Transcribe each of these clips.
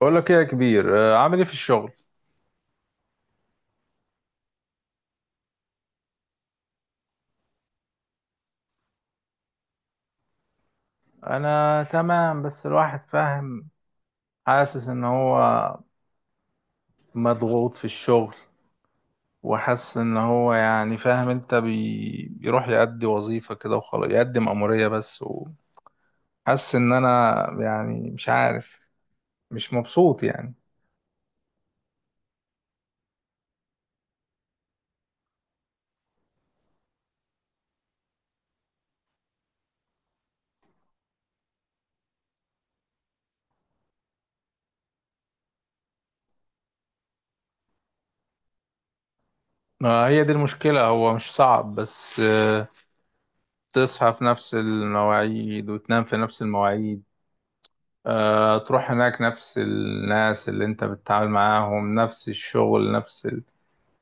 بقول لك ايه يا كبير، عامل ايه في الشغل؟ انا تمام، بس الواحد فاهم، حاسس ان هو مضغوط في الشغل. وحاسس ان هو يعني فاهم انت بيروح يأدي وظيفة كده وخلاص، يقدم مأمورية بس. وحاسس ان انا يعني مش عارف، مش مبسوط يعني. ما هي دي المشكلة، هو مش صعب، بس تصحى في نفس المواعيد وتنام في نفس المواعيد. تروح هناك نفس الناس اللي انت بتتعامل معاهم، نفس الشغل،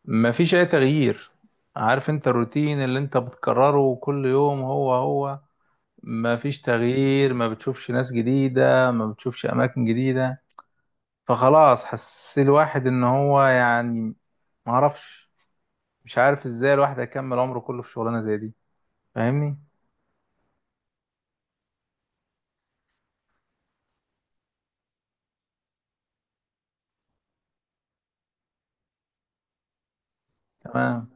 مفيش اي تغيير. عارف انت، الروتين اللي انت بتكرره كل يوم هو هو، مفيش تغيير. ما بتشوفش ناس جديدة، ما بتشوفش اماكن جديدة. فخلاص حس الواحد ان هو يعني معرفش، مش عارف ازاي الواحد هيكمل عمره كله في شغلانة زي دي. فاهمني؟ تمام،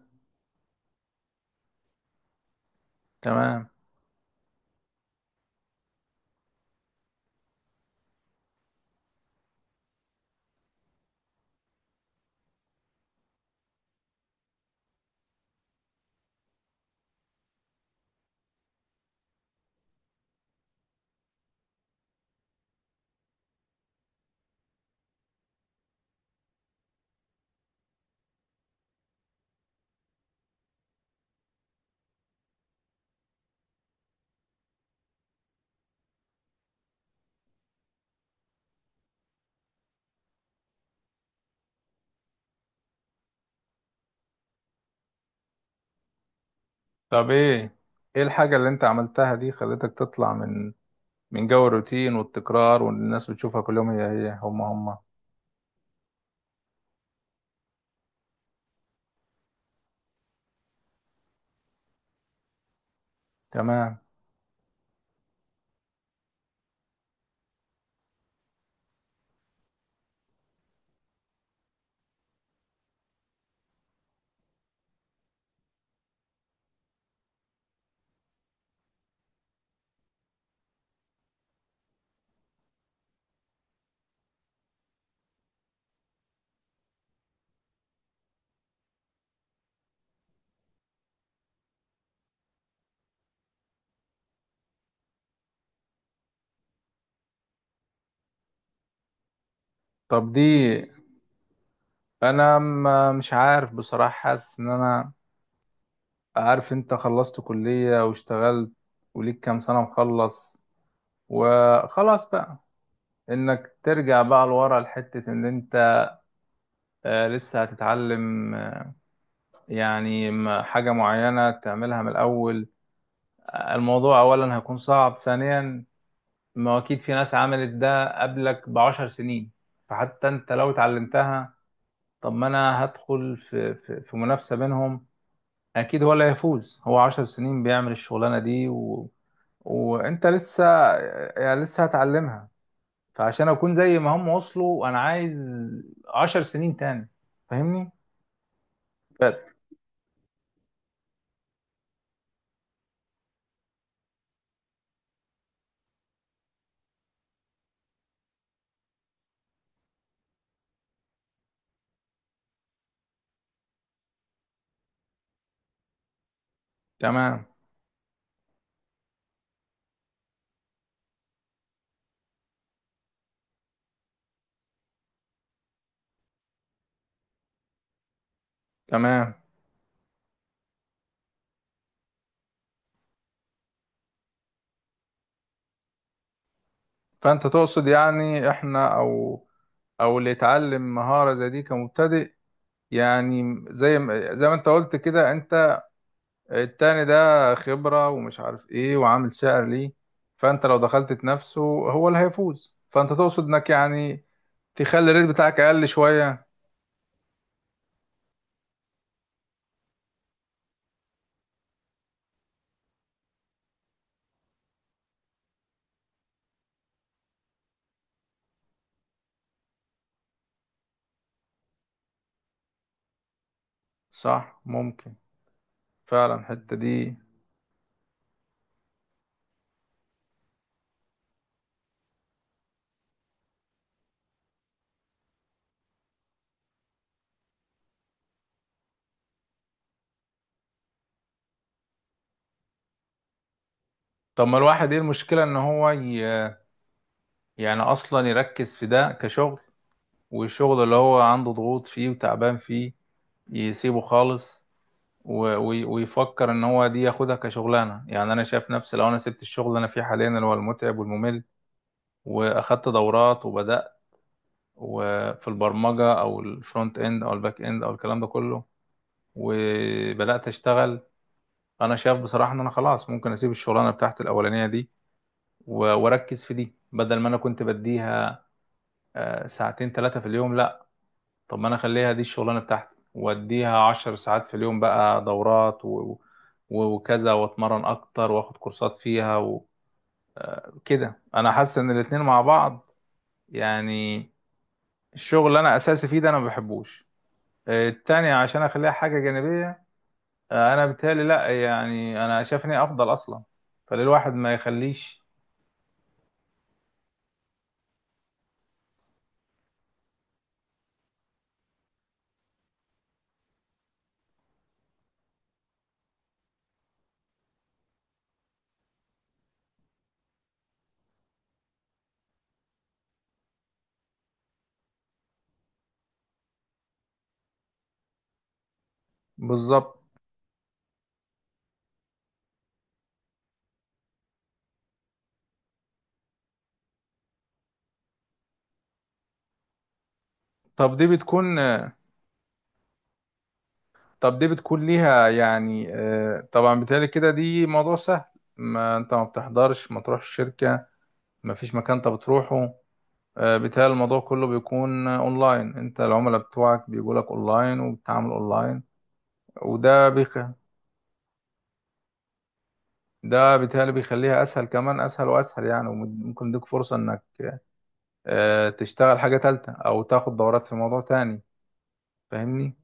تمام. طب، ايه الحاجة اللي انت عملتها دي خلتك تطلع من جو الروتين والتكرار، وان الناس بتشوفها كل يوم هي هي هم هم؟ تمام. طب، انا ما مش عارف بصراحة، حاسس ان انا عارف انت، خلصت كلية واشتغلت وليك كام سنة مخلص، وخلاص بقى. انك ترجع بقى لورا لحتة ان انت لسه هتتعلم، يعني حاجة معينة تعملها من الاول؟ الموضوع اولا هيكون صعب، ثانيا ما هو اكيد في ناس عملت ده قبلك ب10 سنين، فحتى انت لو اتعلمتها. طب ما انا هدخل في منافسة بينهم؟ اكيد هو اللي هيفوز، هو 10 سنين بيعمل الشغلانة دي وانت لسه، يعني لسه هتعلمها. فعشان اكون زي ما هم وصلوا، انا عايز 10 سنين تاني. فاهمني؟ ف- تمام، تمام. فانت تقصد يعني احنا، او اللي يتعلم مهارة زي دي كمبتدئ، يعني زي ما انت قلت كده، انت التاني ده خبرة ومش عارف ايه وعامل سعر ليه، فانت لو دخلت تنافسه هو اللي هيفوز. فانت تقصد انك يعني تخلي الريت بتاعك اقل شوية؟ صح، ممكن، فعلا الحتة دي. طب، ما الواحد ايه المشكلة ان هو يعني اصلا يركز في ده كشغل، والشغل اللي هو عنده ضغوط فيه وتعبان فيه يسيبه خالص، ويفكر ان هو دي ياخدها كشغلانه. يعني انا شايف نفسي، لو انا سبت الشغل اللي انا فيه حاليا اللي هو المتعب والممل، واخدت دورات وبدات، وفي البرمجه او الفرونت اند او الباك اند او الكلام ده كله، وبدات اشتغل، انا شايف بصراحه ان انا خلاص ممكن اسيب الشغلانه بتاعتي الاولانيه دي، واركز في دي. بدل ما انا كنت بديها ساعتين ثلاثه في اليوم، لا. طب ما انا اخليها دي الشغلانه بتاعتي، واديها 10 ساعات في اليوم بقى. دورات وكذا، واتمرن اكتر، واخد كورسات فيها. وكده انا حاسس ان الاتنين مع بعض يعني، الشغل اللي انا اساسي فيه ده انا ما بحبوش، التاني عشان اخليها حاجه جانبيه. انا بالتالي لا، يعني انا شايفني افضل اصلا، فللواحد ما يخليش. بالظبط. طب دي بتكون طب دي بتكون ليها يعني، طبعا بالتالي كده دي موضوع سهل. ما انت ما بتحضرش، ما تروحش الشركة، مفيش مكان انت بتروحه. بيتهيألي الموضوع كله بيكون اونلاين، انت العملاء بتوعك بيجولك اونلاين وبتتعامل اونلاين. وده بيخ ده بيتهيألي بيخليها اسهل، كمان اسهل واسهل يعني، وممكن يديك فرصة انك تشتغل حاجة تالتة او تاخد دورات في موضوع تاني. فاهمني؟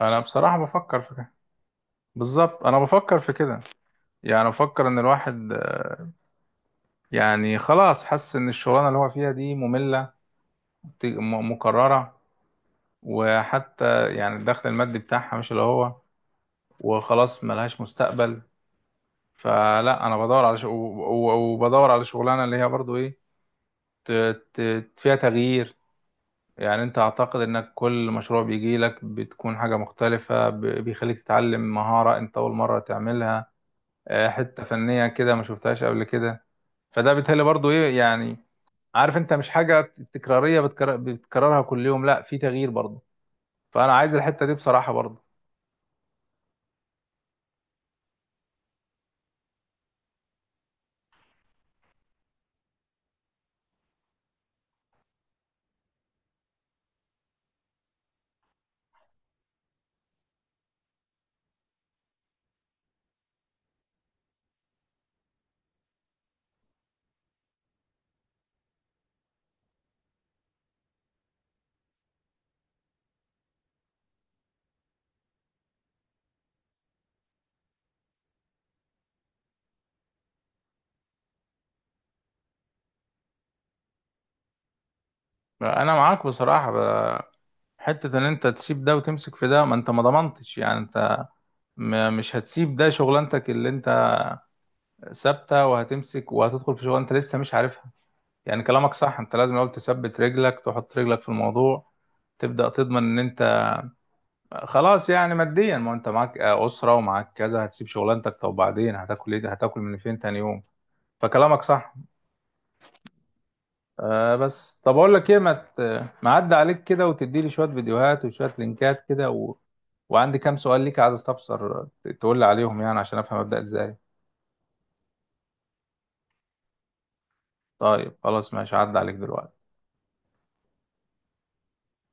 انا بصراحة بفكر في كده. بالظبط، انا بفكر في كده. يعني بفكر ان الواحد، يعني خلاص حس ان الشغلانة اللي هو فيها دي مملة، مكررة، وحتى يعني الدخل المادي بتاعها مش اللي هو، وخلاص ملهاش مستقبل. فلا، انا بدور على وبدور على شغلانه اللي هي برضو ايه ت... ت... فيها تغيير. يعني انت اعتقد انك كل مشروع بيجي لك بتكون حاجه مختلفه، بيخليك تتعلم مهاره انت اول مره تعملها، حته فنيه كده ما شفتهاش قبل كده. فده بالتالي برضو ايه يعني، عارف انت، مش حاجه تكراريه بتكررها كل يوم، لا، في تغيير برضو. فانا عايز الحته دي بصراحه برضو. انا معاك بصراحه. حتة ان انت تسيب ده وتمسك في ده، ما انت ما ضمنتش يعني. انت مش هتسيب ده شغلانتك اللي انت ثابتة، وهتمسك وهتدخل في شغلانة انت لسه مش عارفها. يعني كلامك صح، انت لازم الاول تثبت رجلك، تحط رجلك في الموضوع، تبدأ تضمن ان انت خلاص يعني، ماديا ما انت معاك اسرة ومعاك كذا. هتسيب شغلانتك طب، وبعدين هتاكل ايه؟ هتاكل من فين تاني يوم؟ فكلامك صح. بس طب، اقول لك ايه، ما عدى عليك كده وتدي لي شويه فيديوهات وشويه لينكات كده، وعندي كام سؤال ليك عايز استفسر، تقول لي عليهم يعني، عشان افهم ابدا ازاي. طيب، خلاص، ماشي، عدى عليك دلوقتي.